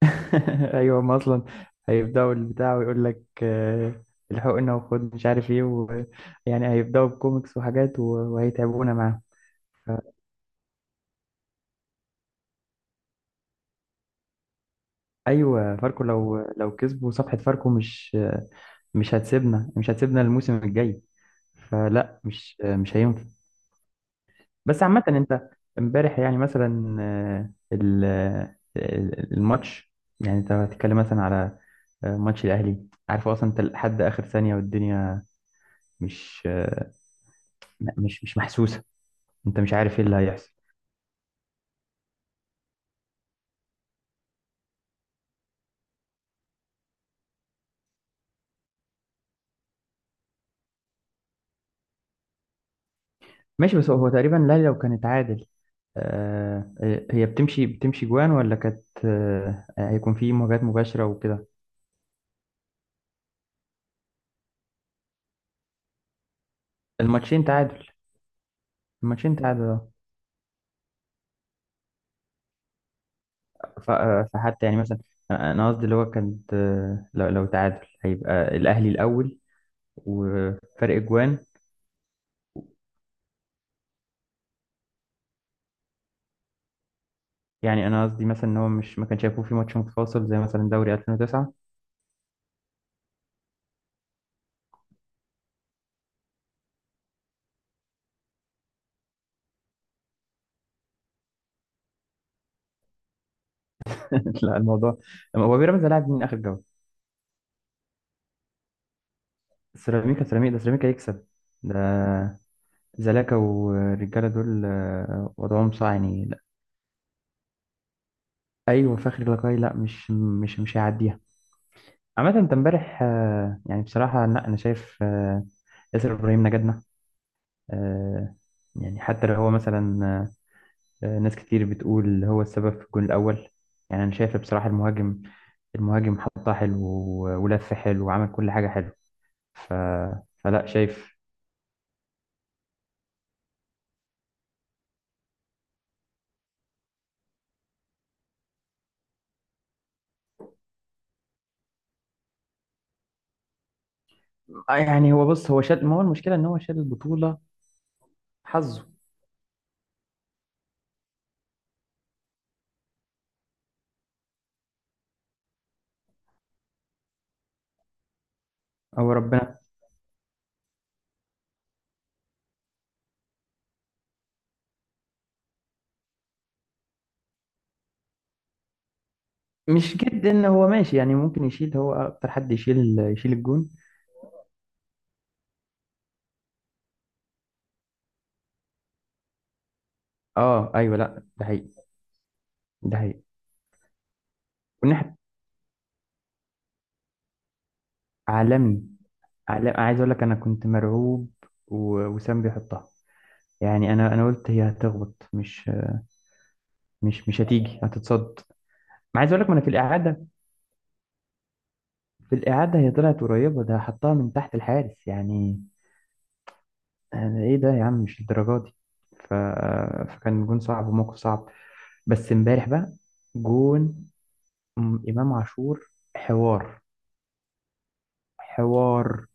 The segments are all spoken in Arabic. ايوه، هم اصلا هيبداوا البتاع ويقول لك، الحقنا وخد مش عارف ايه يعني هيبداوا بكوميكس وحاجات وهيتعبونا معاهم. ايوه، فاركو لو كسبوا صفحه فاركو مش هتسيبنا الموسم الجاي، فلا مش هينفع. بس عامه، انت امبارح يعني مثلا الماتش، يعني انت هتتكلم مثلا على ماتش الاهلي. عارف اصلا انت لحد اخر ثانيه والدنيا مش مش محسوسه، انت مش عارف ايه اللي هيحصل. ماشي، بس هو تقريبا، لا لو كانت عادل هي بتمشي جوان، ولا كانت هيكون في مواجهات مباشره وكده. الماتشين تعادل، الماتشين تعادل اه. فحتى يعني مثلا، أنا قصدي اللي هو كانت، لو تعادل هيبقى الاهلي الاول وفرق جوان. يعني انا قصدي مثلا ان هو مش ما كانش هيكون في ماتش متفاصل زي مثلا دوري 2009. لا، الموضوع هو بيراميدز لاعب من اخر جوله. سيراميكا، سيراميكا ده سيراميكا يكسب، ده زلاكا والرجالة دول وضعهم صعب يعني. لا. أيوة، فخري لقاي لا مش هيعديها. عامة، أنت امبارح يعني بصراحة لا، أنا شايف ياسر إبراهيم نجدنا. آه، يعني حتى لو هو مثلا، ناس كتير بتقول هو السبب في الجون الأول. يعني أنا شايف بصراحة، المهاجم حطها حلو ولف حلو وعمل كل حاجة حلو. ف... فلا شايف. يعني هو بص، هو شال، ما هو المشكلة إن هو شال البطولة. حظه، هو ربنا. مش جدا، هو ماشي يعني، ممكن يشيل، هو اكتر حد يشيل الجون. اه ايوه، لا ده حقيقي، ده حقيقي. والناحية عالمي، عالمي، عايز اقول لك انا كنت مرعوب وسام بيحطها. يعني انا قلت هي هتخبط، مش مش هتيجي، هتتصد. ما عايز اقول لك، ما انا في الاعاده، هي طلعت قريبه، ده حطها من تحت الحارس يعني. أنا ايه ده يا عم؟ مش الدرجه دي. ف... فكان جون صعب وموقف صعب. بس امبارح بقى، جون امام عاشور، حوار، حوار،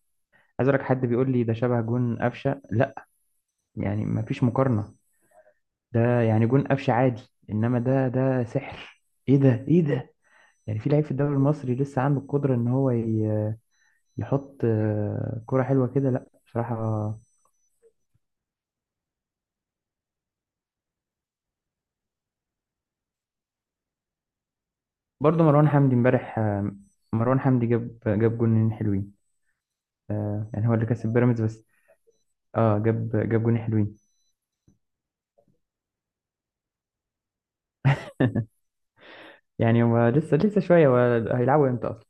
عايز اقول لك. حد بيقول لي ده شبه جون قفشه؟ لا، يعني ما فيش مقارنه. ده يعني جون قفشه عادي، انما ده، ده سحر. ايه ده؟ ايه ده؟ يعني في لعيب في الدوري المصري لسه عنده القدره ان هو يحط كره حلوه كده؟ لا بصراحه. برضه مروان حمدي امبارح مروان حمدي جاب جونين حلوين. يعني هو اللي كسب بيراميدز بس. اه، جاب جونين حلوين. يعني هو لسه شويه. هو هيلعبوا امتى أصلاً؟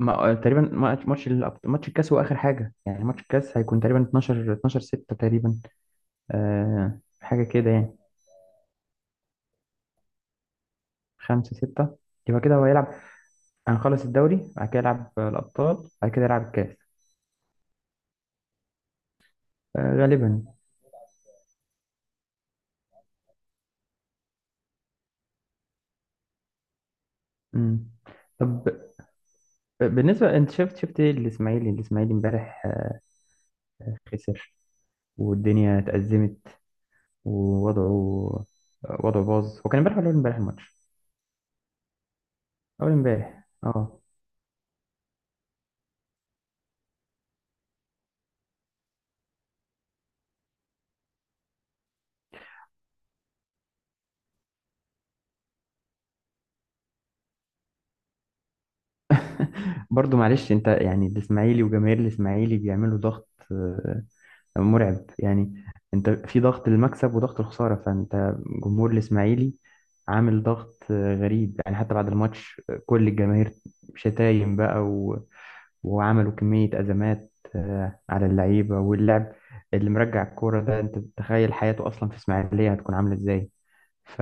ما تقريبا، ماتش الكاس هو اخر حاجه. يعني ماتش الكاس هيكون تقريبا 12 12 6 تقريبا، أه حاجه كده يعني. 5 6 يبقى كده هو هيلعب. هنخلص الدوري، بعد كده يلعب الابطال، بعد كده يلعب الكاس. أه غالبا. مم. طب، بالنسبه، انت شفت ايه الاسماعيلي امبارح؟ خسر والدنيا اتأزمت، ووضعه آه، وضعه باظ. هو كان امبارح ولا أول امبارح الماتش؟ اول امبارح اه. برضو معلش، انت يعني الاسماعيلي وجماهير الاسماعيلي بيعملوا ضغط مرعب يعني. انت في ضغط المكسب وضغط الخسارة، فانت، جمهور الاسماعيلي، عامل ضغط غريب يعني. حتى بعد الماتش كل الجماهير شتايم بقى، وعملوا كمية أزمات على اللعيبة واللعب اللي مرجع الكورة ده، انت تخيل حياته أصلا في اسماعيلية هتكون عاملة ازاي؟ ف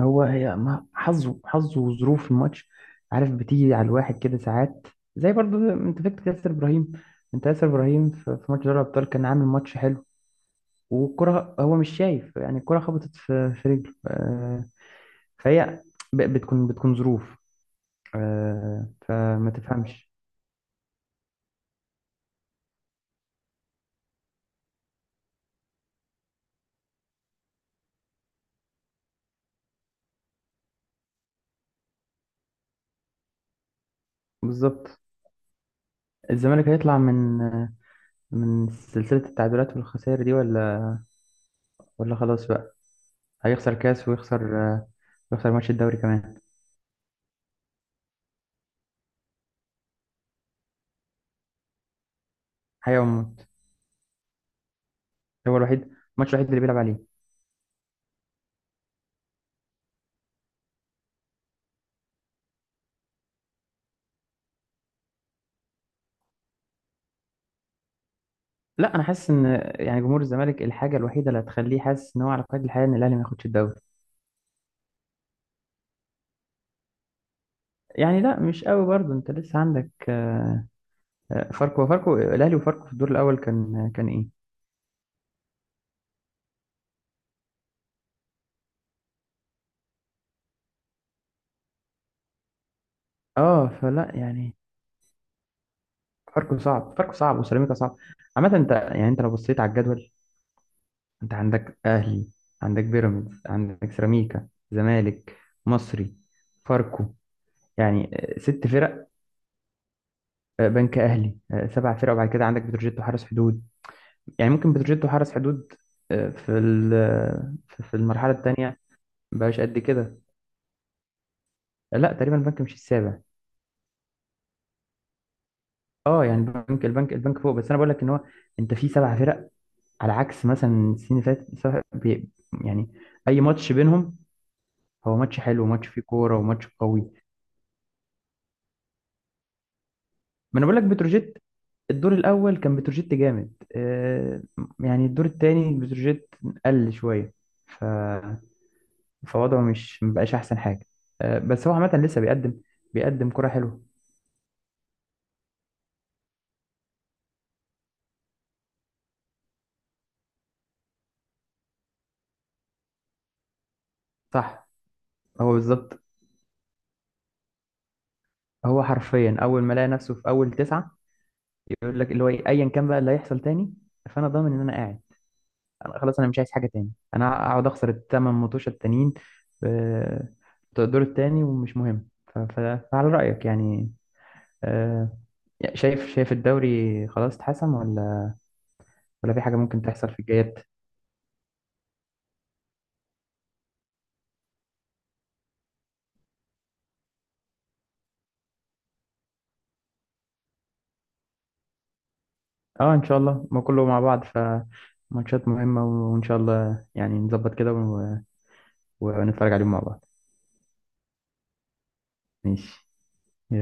هي ما حظه، وظروف الماتش، عارف بتيجي على الواحد كده ساعات. زي برضو، انت فاكر ياسر ابراهيم؟ انت ياسر ابراهيم في ماتش دوري الابطال كان عامل ماتش حلو، والكره هو مش شايف يعني. الكره خبطت في في رجله، فهي بتكون ظروف فما تفهمش. بالظبط. الزمالك هيطلع من من سلسله التعادلات والخسائر دي، ولا خلاص بقى هيخسر كاس ويخسر ويخسر ماتش الدوري كمان؟ حيوم هو الوحيد، الماتش الوحيد اللي بيلعب عليه. لا انا حاسس ان، يعني جمهور الزمالك الحاجه الوحيده اللي هتخليه حاسس ان هو على قيد الحياه ان الاهلي ما ياخدش الدوري. يعني لا، مش قوي برضه، انت لسه عندك فاركو. فاركو، الاهلي وفاركو في الدور الاول كان ايه؟ اه، فلا يعني، فاركو صعب، فاركو صعب، وسيراميكا صعب. عامه، انت يعني، انت لو بصيت على الجدول، انت عندك اهلي، عندك بيراميدز، عندك سيراميكا، زمالك، مصري، فاركو. يعني ست فرق. بنك اهلي، سبع فرق. وبعد كده عندك بتروجيت وحرس حدود. يعني ممكن بتروجيتو حرز حدود آه، في ال- آه، في المرحله الثانيه مبقاش قد كده. لا تقريبا البنك مش السابع. اه يعني البنك، البنك فوق. بس انا بقول لك ان هو، انت في سبع فرق على عكس مثلا السنين اللي فاتت. يعني اي ماتش بينهم هو ماتش حلو، وماتش فيه كوره، وماتش قوي. ما انا بقول لك بتروجيت الدور الاول كان بتروجيت جامد. يعني الدور الثاني بتروجيت قل شويه، فوضعه مش مبقاش احسن حاجه، بس هو عامه لسه بيقدم كرة حلوه. صح. هو بالظبط، هو حرفيا اول ما لقى نفسه في اول تسعه، يقول لك اللي هو إيه، ايا كان بقى اللي هيحصل تاني، فانا ضامن ان انا قاعد. انا خلاص، انا مش عايز حاجه تاني، انا اقعد اخسر الثمان ماتشات التانيين آه، بتوع الدور التاني ومش مهم. فعلى رايك يعني، آه، شايف، الدوري خلاص اتحسم ولا في حاجه ممكن تحصل في الجايات؟ اه ان شاء الله، ما كله مع بعض فماتشات مهمة. وان شاء الله يعني نظبط كده ونتفرج عليهم مع بعض. ماشي، يلا.